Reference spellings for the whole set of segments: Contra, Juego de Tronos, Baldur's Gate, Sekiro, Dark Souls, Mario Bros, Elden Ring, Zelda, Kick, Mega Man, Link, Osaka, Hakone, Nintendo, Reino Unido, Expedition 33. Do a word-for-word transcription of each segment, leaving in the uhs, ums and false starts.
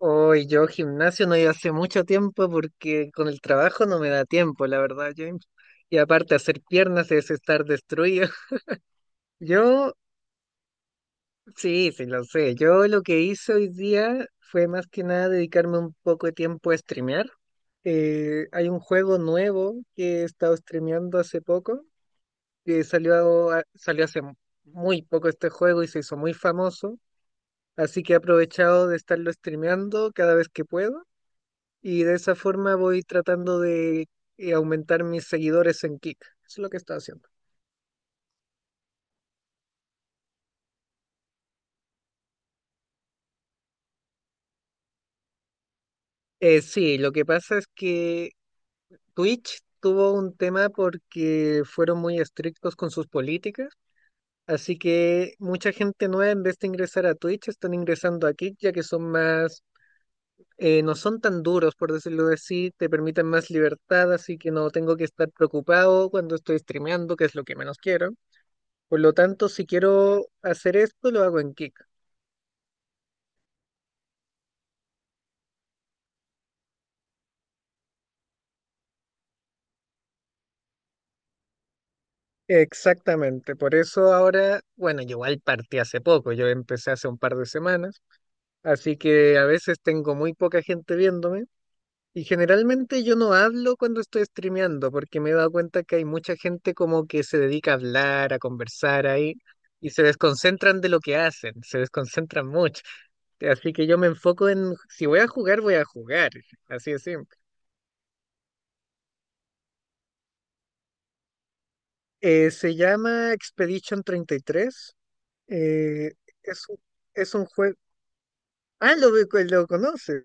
Hoy yo gimnasio no iba hace mucho tiempo porque con el trabajo no me da tiempo, la verdad, James. Y aparte hacer piernas es estar destruido. Yo, sí, sí, lo sé. Yo lo que hice hoy día fue más que nada dedicarme un poco de tiempo a streamear. Eh, hay un juego nuevo que he estado streameando hace poco, que salió, a- salió hace muy poco este juego y se hizo muy famoso. Así que he aprovechado de estarlo streameando cada vez que puedo. Y de esa forma voy tratando de eh, aumentar mis seguidores en Kick. Eso es lo que estoy haciendo. Eh, sí, lo que pasa es que Twitch tuvo un tema porque fueron muy estrictos con sus políticas, así que mucha gente nueva en vez de ingresar a Twitch están ingresando a Kick ya que son más, eh, no son tan duros por decirlo así, te permiten más libertad, así que no tengo que estar preocupado cuando estoy streameando, que es lo que menos quiero. Por lo tanto, si quiero hacer esto, lo hago en Kick. Exactamente, por eso ahora, bueno, yo igual partí hace poco, yo empecé hace un par de semanas, así que a veces tengo muy poca gente viéndome y generalmente yo no hablo cuando estoy streameando porque me he dado cuenta que hay mucha gente como que se dedica a hablar, a conversar ahí y se desconcentran de lo que hacen, se desconcentran mucho. Así que yo me enfoco en, si voy a jugar, voy a jugar, así de simple. Eh, se llama Expedition treinta y tres, eh, es un... Es un juego. Ah, lo, ve- pues, lo conoces.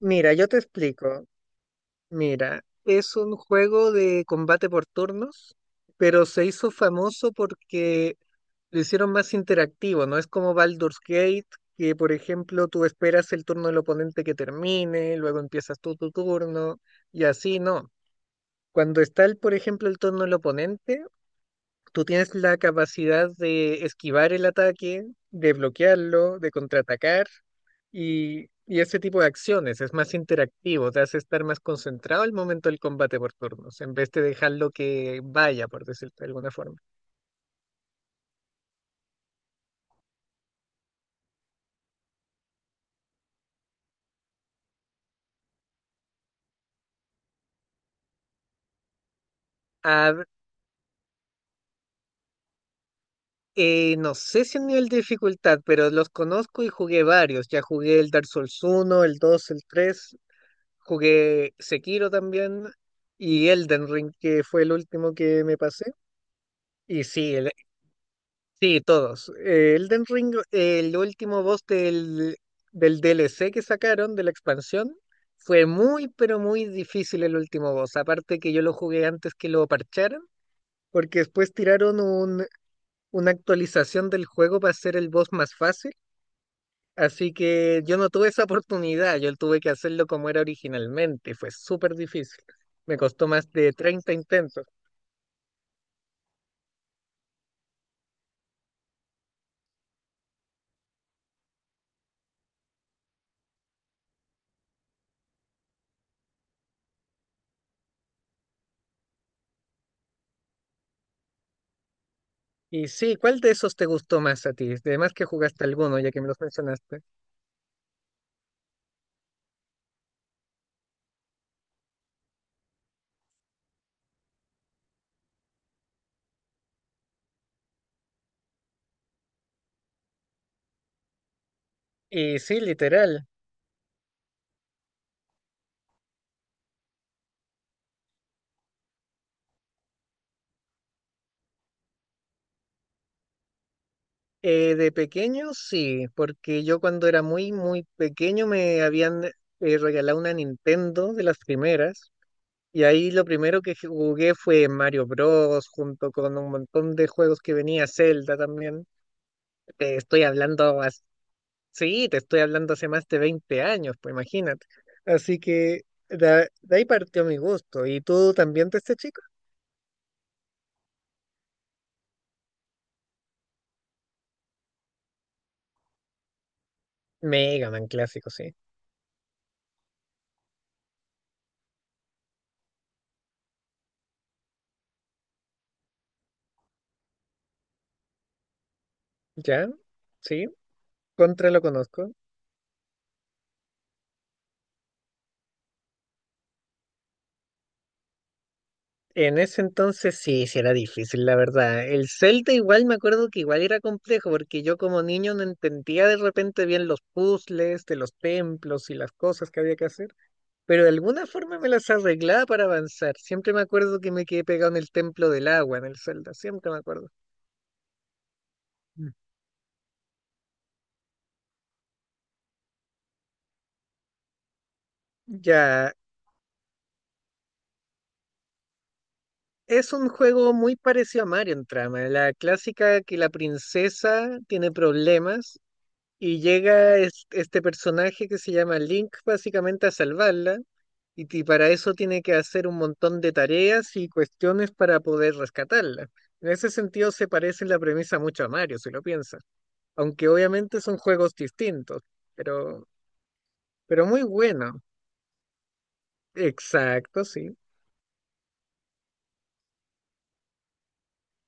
Mira, yo te explico. Mira, es un juego de combate por turnos, pero se hizo famoso porque lo hicieron más interactivo, ¿no? Es como Baldur's Gate, que por ejemplo tú esperas el turno del oponente que termine, luego empiezas tú tu turno, y así no. Cuando está, el, por ejemplo, el turno del oponente, tú tienes la capacidad de esquivar el ataque, de bloquearlo, de contraatacar. Y, y ese tipo de acciones es más interactivo, te hace estar más concentrado al momento del combate por turnos, en vez de dejarlo que vaya, por decirlo de alguna forma. A v- eh, no sé si el nivel de dificultad, pero los conozco y jugué varios. Ya jugué el Dark Souls uno, el dos, el tres, jugué Sekiro también y Elden Ring, que fue el último que me pasé. Y sí, el, Sí, todos. Eh, Elden Ring, el último boss del, del D L C que sacaron de la expansión, fue muy, pero muy difícil el último boss. Aparte que yo lo jugué antes que lo parcharan, porque después tiraron un, una actualización del juego para hacer el boss más fácil. Así que yo no tuve esa oportunidad, yo tuve que hacerlo como era originalmente. Fue súper difícil. Me costó más de treinta intentos. Y sí, ¿cuál de esos te gustó más a ti? Además que jugaste alguno, ya que me los mencionaste. Eh, sí, literal. Eh, de pequeño sí, porque yo cuando era muy, muy pequeño me habían eh, regalado una Nintendo de las primeras y ahí lo primero que jugué fue Mario Bros. Junto con un montón de juegos que venía Zelda también. Te estoy hablando, as- Sí, te estoy hablando hace más de veinte años, pues imagínate. Así que de, de ahí partió mi gusto. ¿Y tú también de este chico? Mega Man clásico, sí. ¿Ya? Sí, contra lo conozco. En ese entonces sí, sí era difícil, la verdad. El Zelda igual me acuerdo que igual era complejo, porque yo como niño no entendía de repente bien los puzzles de los templos y las cosas que había que hacer, pero de alguna forma me las arreglaba para avanzar. Siempre me acuerdo que me quedé pegado en el templo del agua, en el Zelda, siempre me acuerdo. Mm. Ya, es un juego muy parecido a Mario en trama, la clásica que la princesa tiene problemas. Y llega es- este personaje que se llama Link básicamente a salvarla y, ti- para eso tiene que hacer un montón de tareas y cuestiones para poder rescatarla. En ese sentido se parece en la premisa mucho a Mario, si lo piensas, aunque obviamente son juegos distintos, pero, pero muy bueno. Exacto, sí.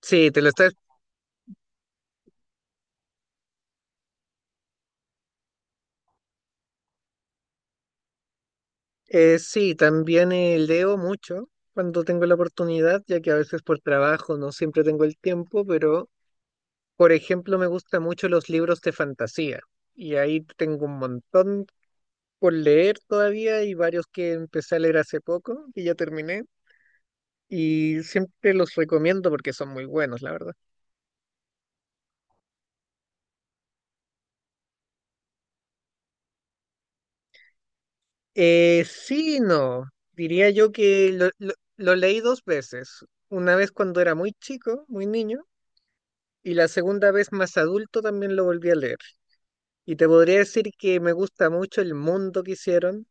Sí, te lo estás... eh, sí, también eh, leo mucho cuando tengo la oportunidad, ya que a veces por trabajo no siempre tengo el tiempo, pero... Por ejemplo, me gustan mucho los libros de fantasía y ahí tengo un montón por leer todavía y varios que empecé a leer hace poco y ya terminé y siempre los recomiendo porque son muy buenos, la verdad. Eh, sí, no, diría yo que lo, lo- lo leí dos veces, una vez cuando era muy chico, muy niño. Y la segunda vez más adulto también lo volví a leer. Y te podría decir que me gusta mucho el mundo que hicieron,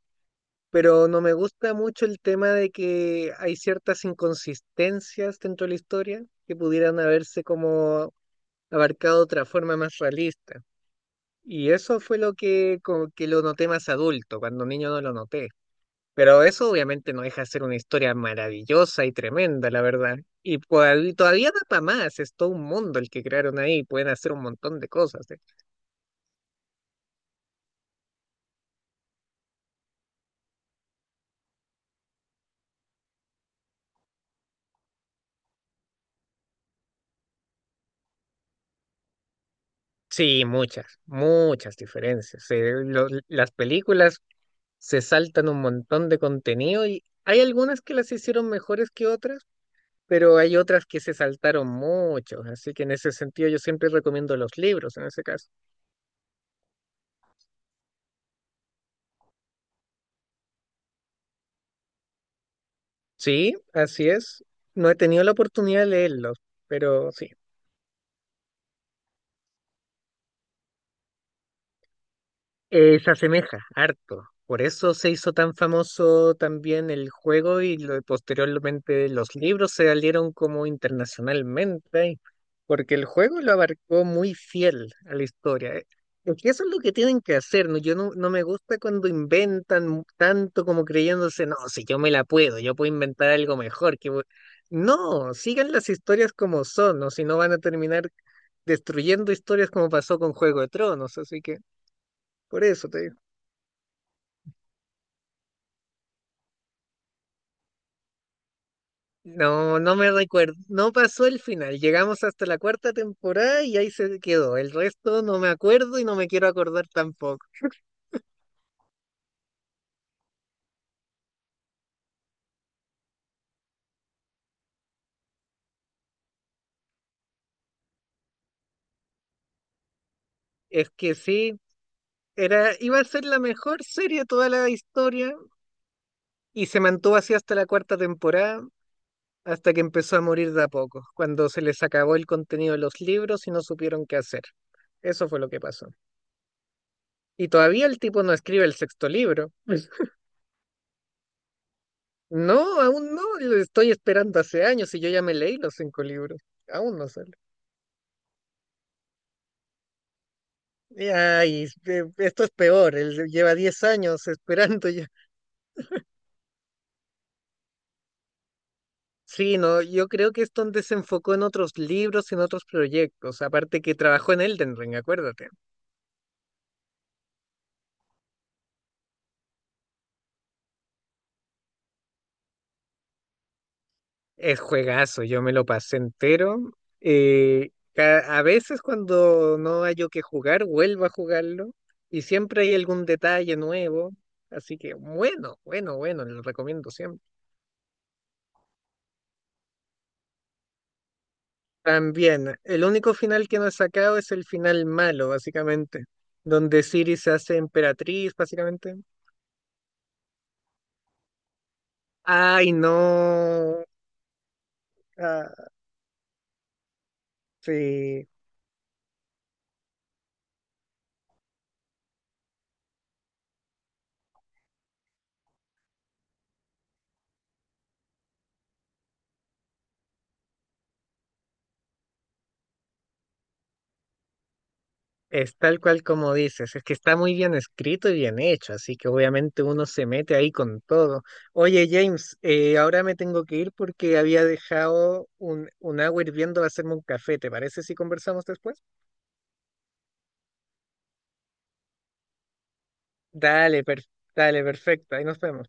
pero no me gusta mucho el tema de que hay ciertas inconsistencias dentro de la historia que pudieran haberse como abarcado de otra forma más realista. Y eso fue lo que, como que lo noté más adulto, cuando niño no lo noté. Pero eso obviamente no deja de ser una historia maravillosa y tremenda, la verdad. Y pues, todavía da para más, es todo un mundo el que crearon ahí, pueden hacer un montón de cosas, ¿eh? Sí, muchas, muchas diferencias. Eh, lo- las películas se saltan un montón de contenido y hay algunas que las hicieron mejores que otras, pero hay otras que se saltaron mucho, así que en ese sentido yo siempre recomiendo los libros en ese caso. Sí, así es. No he tenido la oportunidad de leerlos, pero sí. Eh, se asemeja harto. Por eso se hizo tan famoso también el juego y lo- posteriormente los libros se salieron como internacionalmente, ¿eh? Porque el juego lo abarcó muy fiel a la historia, ¿eh? Es que eso es lo que tienen que hacer, ¿no? Yo no, no me gusta cuando inventan mu- tanto como creyéndose, no, si yo me la puedo, yo puedo inventar algo mejor. Que... voy-". No, sigan las historias como son, o si no van a terminar destruyendo historias como pasó con Juego de Tronos, así que por eso te digo. No, no me recuerdo. No pasó el final. Llegamos hasta la cuarta temporada y ahí se quedó. El resto no me acuerdo y no me quiero acordar tampoco. Es que sí, era, iba a ser la mejor serie de toda la historia y se mantuvo así hasta la cuarta temporada, hasta que empezó a morir de a poco, cuando se les acabó el contenido de los libros y no supieron qué hacer. Eso fue lo que pasó. Y todavía el tipo no escribe el sexto libro. No, aún no. Lo estoy esperando hace años y yo ya me leí los cinco libros. Aún no sé. Ay, eh, esto es peor, él lleva diez años esperando ya. Sí, no, yo creo que es donde se enfocó en otros libros, en otros proyectos, aparte que trabajó en Elden Ring, acuérdate. Es juegazo, yo me lo pasé entero. Eh, ca- a veces cuando no hay yo que jugar, vuelvo a jugarlo y siempre hay algún detalle nuevo, así que bueno, bueno, bueno, lo recomiendo siempre. También, el único final que no he sacado es el final malo, básicamente, donde Ciri se hace emperatriz, básicamente. Ay, no. Ah, sí, es tal cual como dices, es que está muy bien escrito y bien hecho, así que obviamente uno se mete ahí con todo. Oye, James, eh, ahora me tengo que ir porque había dejado un, un agua hirviendo a hacerme un café, ¿te parece si conversamos después? Dale, per- Dale, perfecto, ahí nos vemos.